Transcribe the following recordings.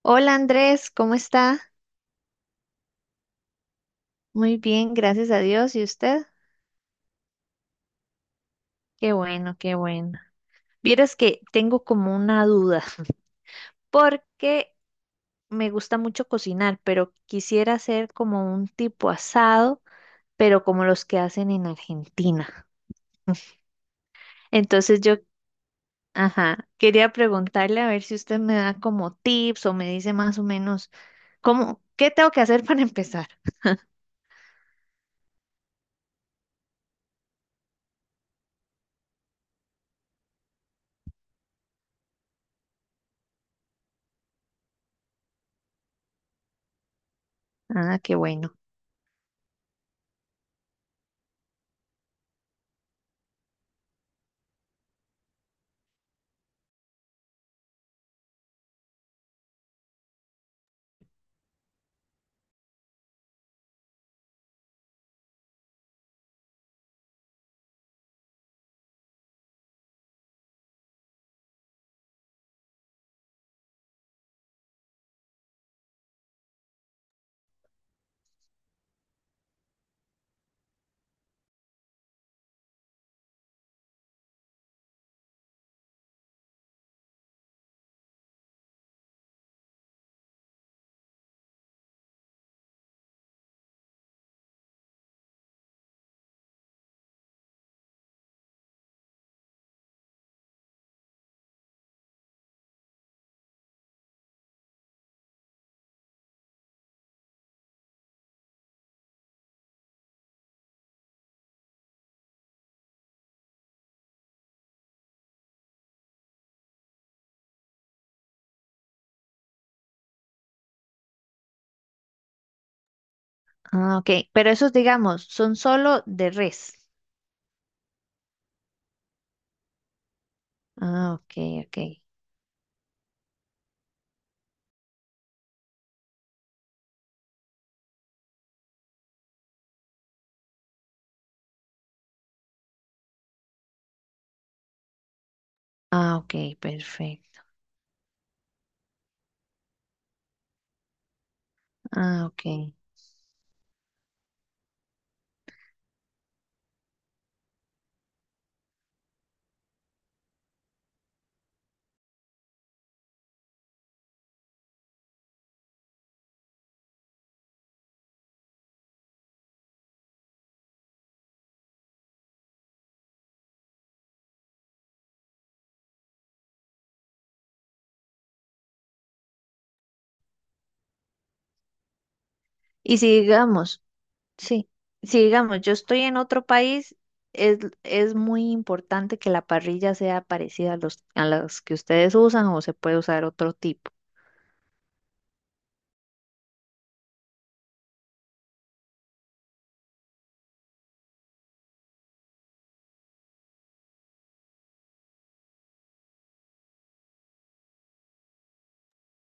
Hola Andrés, ¿cómo está? Muy bien, gracias a Dios. ¿Y usted? Qué bueno, qué bueno. Vieras que tengo como una duda, porque me gusta mucho cocinar, pero quisiera hacer como un tipo asado, pero como los que hacen en Argentina. Entonces yo, ajá, quería preguntarle a ver si usted me da como tips o me dice más o menos cómo, qué tengo que hacer para empezar. Ah, qué bueno. Ah, ok. Pero esos, digamos, son solo de res. Ah, ok, ok. Ah, ok, perfecto. Ah, ok. Y si digamos, sí, si digamos, yo estoy en otro país, es muy importante que la parrilla sea parecida a los, a las que ustedes usan o se puede usar otro tipo.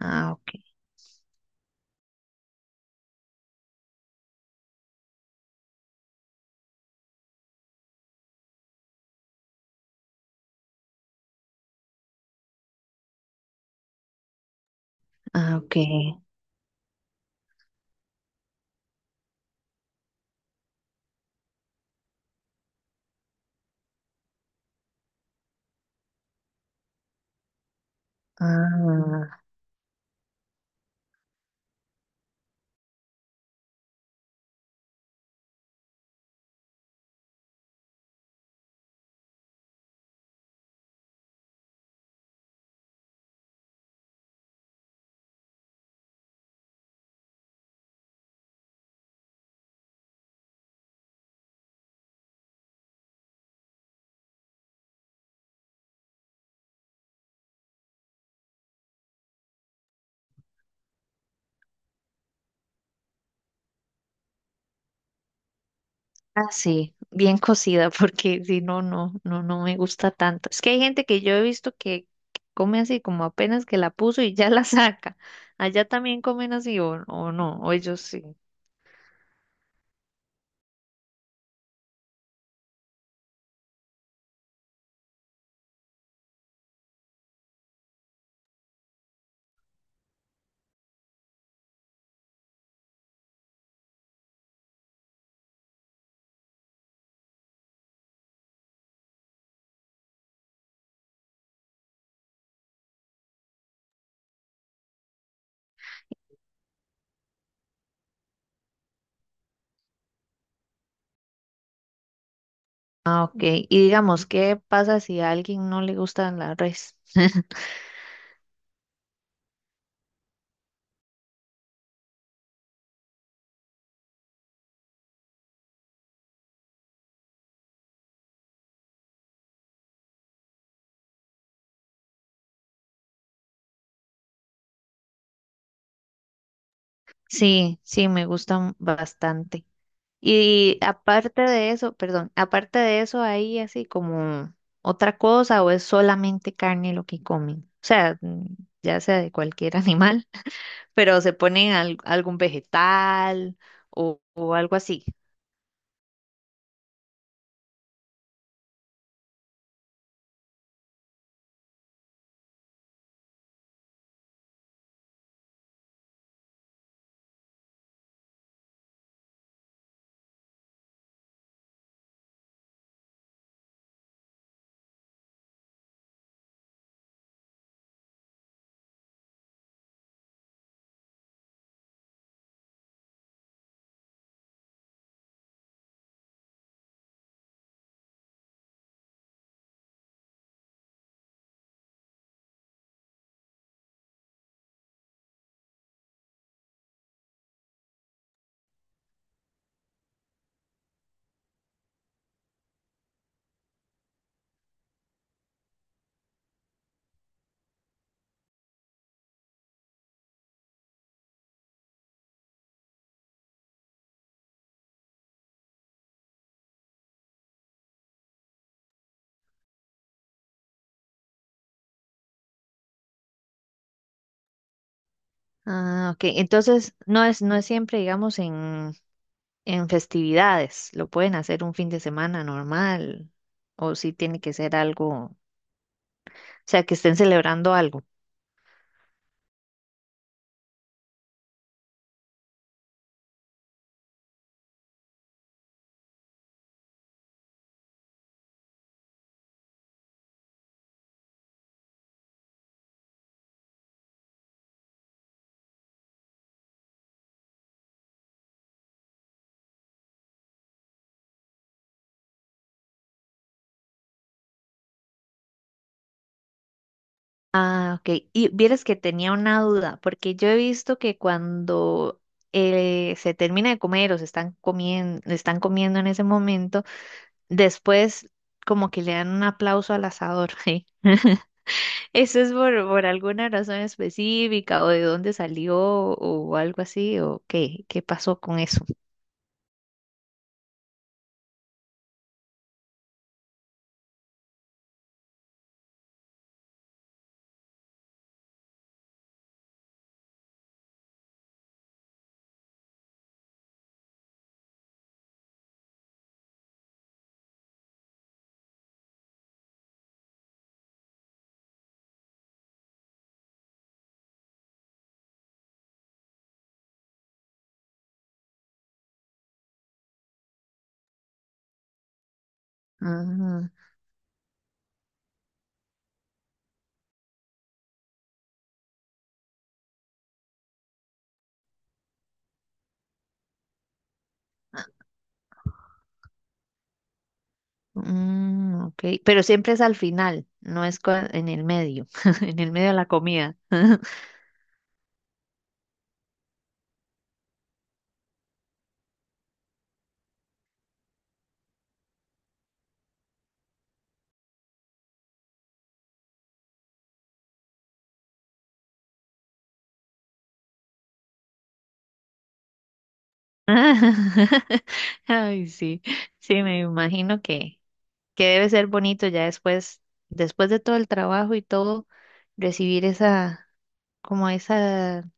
Ah, ok. Ah, ok. Ah, ah, sí, bien cocida, porque si no, no me gusta tanto. Es que hay gente que yo he visto que come así, como apenas que la puso y ya la saca. Allá también comen así o no, o ellos sí. Ah, ok. Y digamos, ¿qué pasa si a alguien no le gusta la res? Sí, sí, me gustan bastante. Y aparte de eso, perdón, aparte de eso, ¿hay así como otra cosa o es solamente carne lo que comen? O sea, ya sea de cualquier animal, pero se ponen al- algún vegetal o algo así. Ah, ok. Entonces, no es siempre, digamos, en festividades. Lo pueden hacer un fin de semana normal o si tiene que ser algo, o sea, que estén celebrando algo. Ah, ok. Y vieras que tenía una duda, porque yo he visto que cuando se termina de comer o se están comiendo en ese momento, después como que le dan un aplauso al asador, ¿sí? ¿Eso es por alguna razón específica o de dónde salió o algo así o qué, qué pasó con eso? Ah, mm, ok. Pero siempre es al final, no es cua- en el medio, en el medio de la comida. Ay, sí, sí, me imagino que debe ser bonito ya después, después de todo el trabajo y todo, recibir esa, como esa,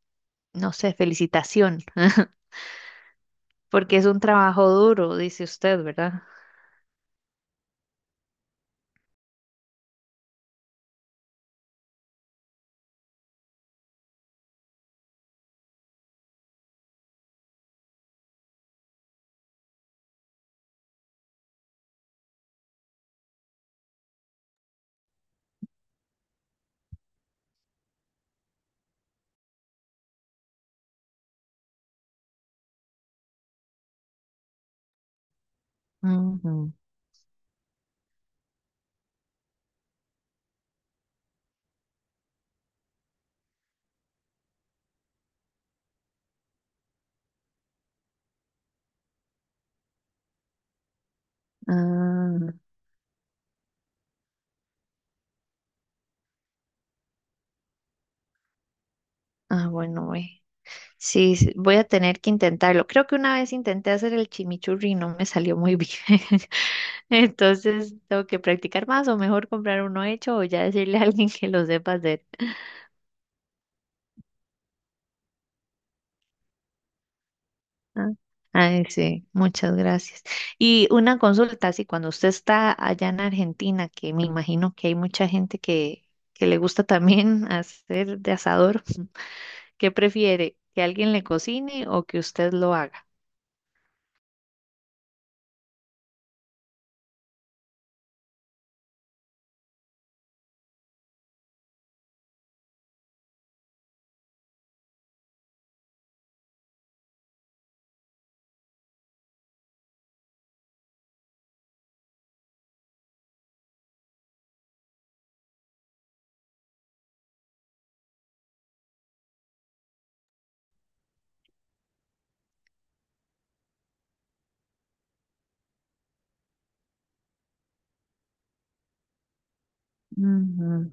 no sé, felicitación. Porque es un trabajo duro, dice usted, ¿verdad? Ujú. Ah, ah, bueno, güey. Sí, sí, voy a tener que intentarlo. Creo que una vez intenté hacer el chimichurri y no me salió muy bien. Entonces, tengo que practicar más o mejor comprar uno hecho o ya decirle a alguien que lo sepa hacer. Ah, ay, sí, muchas gracias. Y una consulta, sí, cuando usted está allá en Argentina, que me imagino que hay mucha gente que le gusta también hacer de asador. ¿Qué prefiere? ¿Que alguien le cocine o que usted lo haga? Ujú.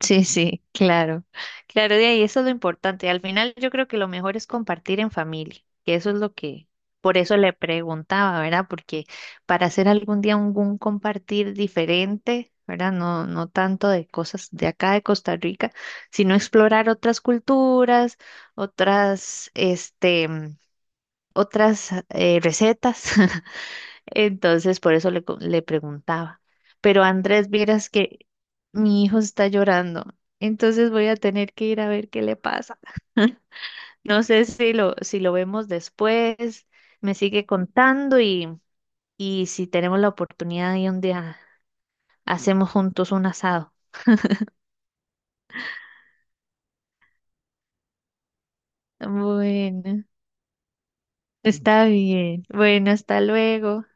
Sí, sí, claro. Claro, de ahí eso es lo importante. Al final yo creo que lo mejor es compartir en familia, que eso es lo que, por eso le preguntaba, ¿verdad? Porque para hacer algún día un compartir diferente, ¿verdad? No, no tanto de cosas de acá de Costa Rica, sino explorar otras culturas, otras, este, otras recetas. Entonces, por eso le, co- le preguntaba. Pero Andrés, vieras que mi hijo está llorando. Entonces voy a tener que ir a ver qué le pasa. No sé si lo, si lo vemos después, me sigue contando y si tenemos la oportunidad y un día hacemos juntos un asado. Bueno, está bien. Bueno, hasta luego.